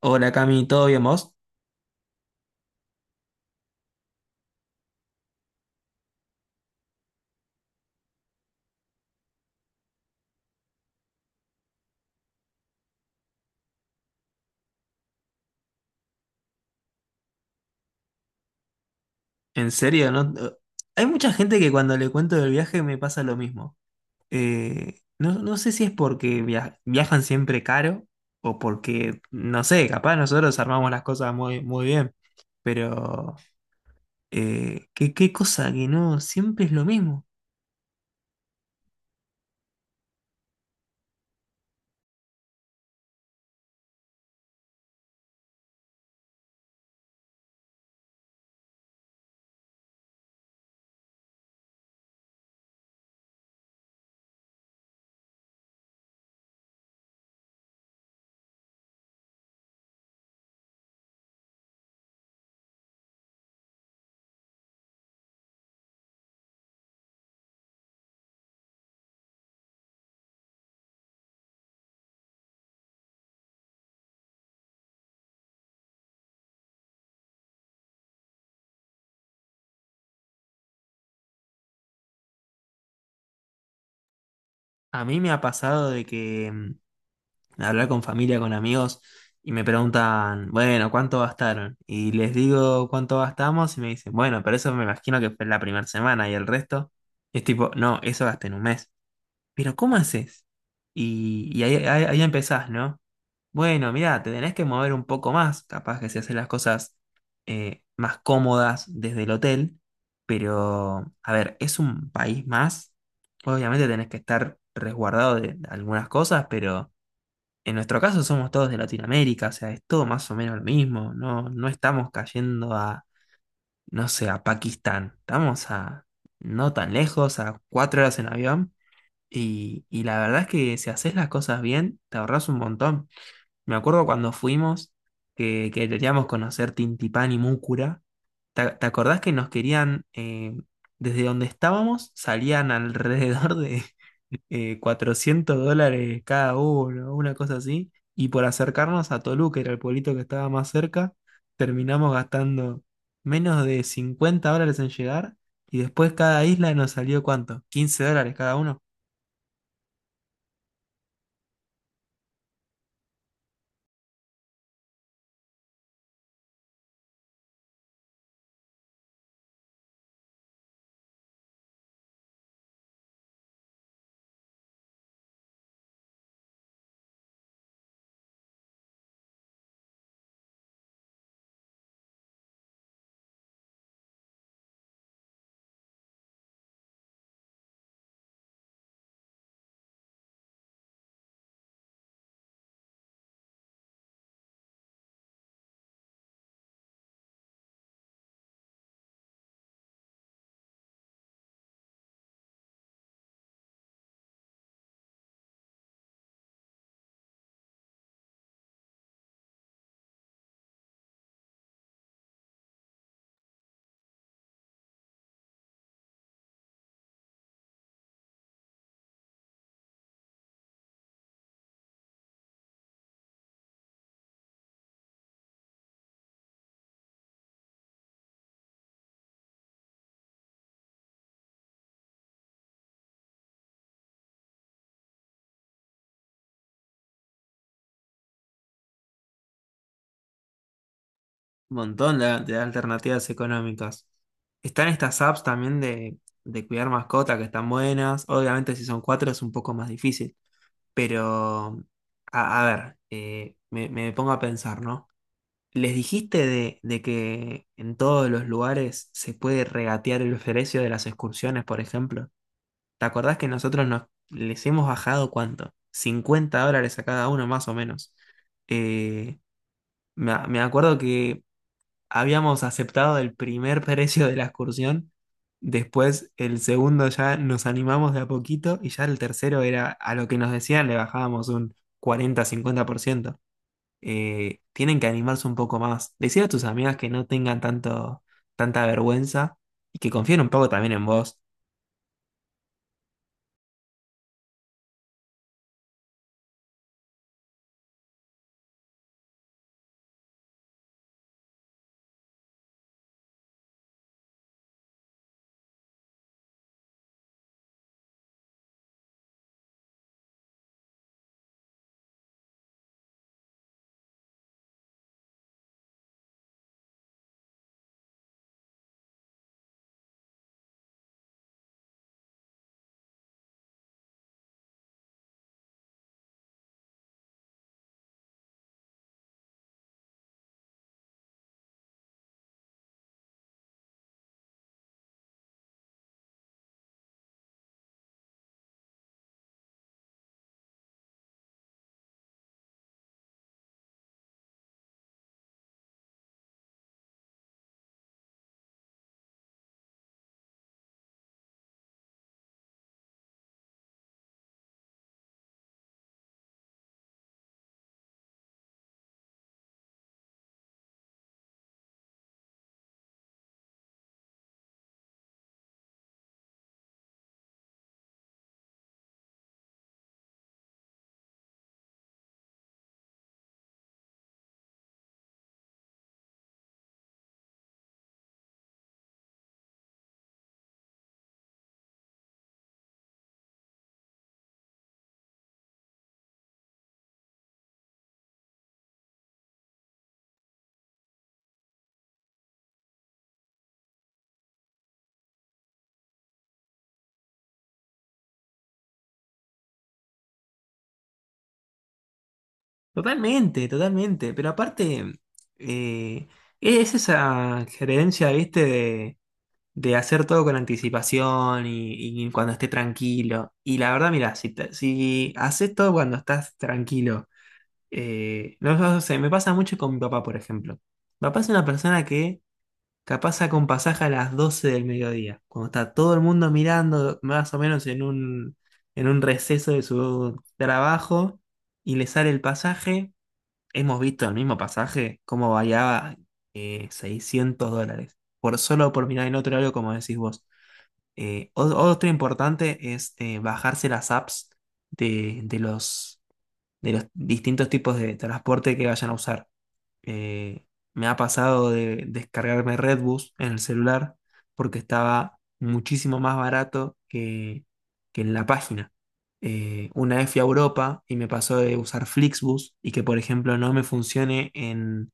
Hola Cami, ¿todo bien vos? ¿En serio? ¿No? Hay mucha gente que cuando le cuento del viaje me pasa lo mismo. No sé si es porque viajan siempre caro o porque, no sé, capaz nosotros armamos las cosas muy, muy bien, pero ¿qué cosa que no, siempre es lo mismo. A mí me ha pasado de que hablar con familia, con amigos, y me preguntan, bueno, ¿cuánto gastaron? Y les digo cuánto gastamos y me dicen, bueno, pero eso me imagino que fue la primera semana y el resto. Y es tipo, no, eso gasté en un mes. Pero ¿cómo haces? Y ahí empezás, ¿no? Bueno, mira, te tenés que mover un poco más, capaz que se hacen las cosas más cómodas desde el hotel, pero a ver, es un país más, obviamente tenés que estar resguardado de algunas cosas, pero en nuestro caso somos todos de Latinoamérica, o sea, es todo más o menos lo mismo, no, no estamos cayendo a, no sé, a Pakistán, estamos a no tan lejos, a 4 horas en avión, y la verdad es que si haces las cosas bien, te ahorras un montón. Me acuerdo cuando fuimos, que queríamos conocer Tintipán y Múcura, ¿te, te acordás que nos querían, desde donde estábamos, salían alrededor de, $400 cada uno, una cosa así? Y por acercarnos a Toluca, era el pueblito que estaba más cerca, terminamos gastando menos de $50 en llegar. Y después cada isla nos salió ¿cuánto? $15 cada uno. Un montón de alternativas económicas. Están estas apps también de cuidar mascotas que están buenas. Obviamente si son cuatro es un poco más difícil. Pero, a ver, me pongo a pensar, ¿no? ¿Les dijiste de que en todos los lugares se puede regatear el precio de las excursiones, por ejemplo? ¿Te acordás que nosotros nos, les hemos bajado cuánto? $50 a cada uno, más o menos. Eh, me acuerdo que habíamos aceptado el primer precio de la excursión, después el segundo ya nos animamos de a poquito y ya el tercero era a lo que nos decían le bajábamos un 40-50%, tienen que animarse un poco más. Decir a tus amigas que no tengan tanto, tanta vergüenza y que confíen un poco también en vos. Totalmente, totalmente. Pero aparte, eh, es esa creencia, viste, de hacer todo con anticipación y cuando esté tranquilo. Y la verdad, mira, si, si haces todo cuando estás tranquilo, no sé, me pasa mucho con mi papá, por ejemplo. Mi papá es una persona que capaz saca un pasaje a las 12 del mediodía, cuando está todo el mundo mirando más o menos en un receso de su trabajo y le sale el pasaje. Hemos visto el mismo pasaje, cómo variaba $600, por solo por mirar en otro horario, como decís vos. Otro importante es bajarse las apps de, de los de los distintos tipos de transporte que vayan a usar. Eh, me ha pasado de descargarme Redbus en el celular porque estaba muchísimo más barato que en la página. Una vez fui a Europa y me pasó de usar Flixbus y que, por ejemplo, no me funcione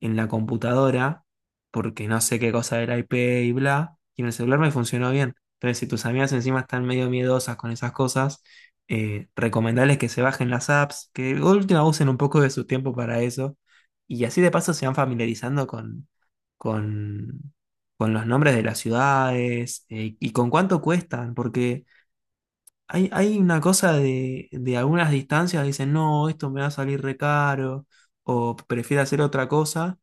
en la computadora porque no sé qué cosa del IP y bla, y en el celular me funcionó bien. Entonces, si tus amigas encima están medio miedosas con esas cosas, recomendarles que se bajen las apps, que de última usen un poco de su tiempo para eso, y así de paso se van familiarizando con, con los nombres de las ciudades, y con cuánto cuestan, porque... Hay una cosa de algunas distancias, dicen, no, esto me va a salir re caro, o prefiero hacer otra cosa,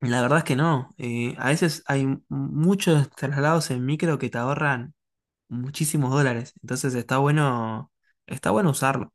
la verdad es que no. A veces hay muchos traslados en micro que te ahorran muchísimos dólares. Entonces está bueno usarlo.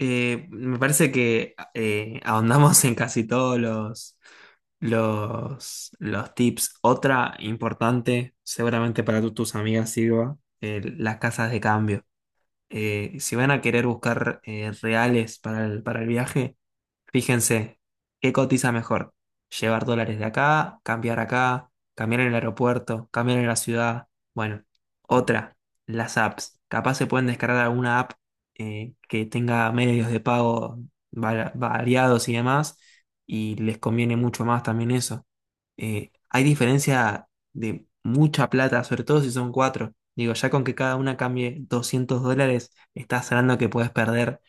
Me parece que ahondamos en casi todos los tips. Otra importante, seguramente para tus amigas sirva, las casas de cambio. Si van a querer buscar reales para el viaje. Fíjense, ¿qué cotiza mejor? Llevar dólares de acá, cambiar en el aeropuerto, cambiar en la ciudad. Bueno, otra, las apps. Capaz se pueden descargar alguna app, que tenga medios de pago variados y demás, y les conviene mucho más también eso. Hay diferencia de mucha plata, sobre todo si son cuatro. Digo, ya con que cada una cambie $200, estás hablando que puedes perder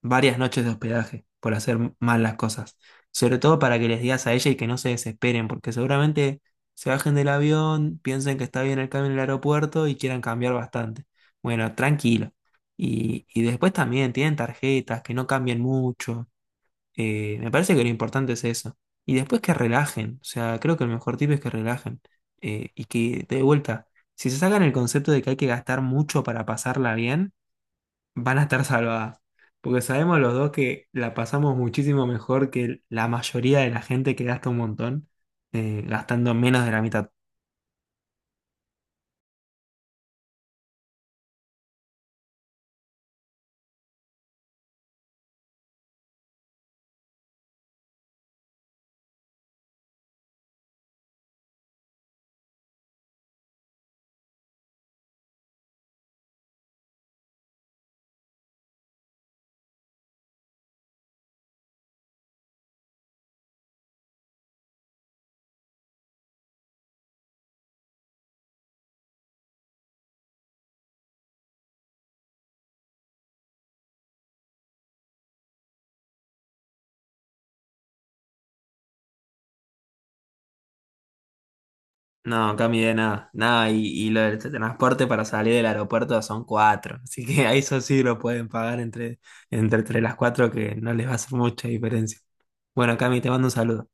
varias noches de hospedaje por hacer mal las cosas. Sobre todo para que les digas a ella y que no se desesperen, porque seguramente se bajen del avión, piensen que está bien el cambio en el aeropuerto y quieran cambiar bastante. Bueno, tranquilo. Y después también tienen tarjetas, que no cambien mucho. Me parece que lo importante es eso. Y después que relajen. O sea, creo que el mejor tip es que relajen. Y que, de vuelta, si se sacan el concepto de que hay que gastar mucho para pasarla bien, van a estar salvadas. Porque sabemos los dos que la pasamos muchísimo mejor que la mayoría de la gente que gasta un montón, gastando menos de la mitad. No, Cami, de nada, nada, y lo del transporte para salir del aeropuerto son cuatro, así que a eso sí lo pueden pagar entre, entre, entre las cuatro que no les va a hacer mucha diferencia. Bueno, Cami, te mando un saludo.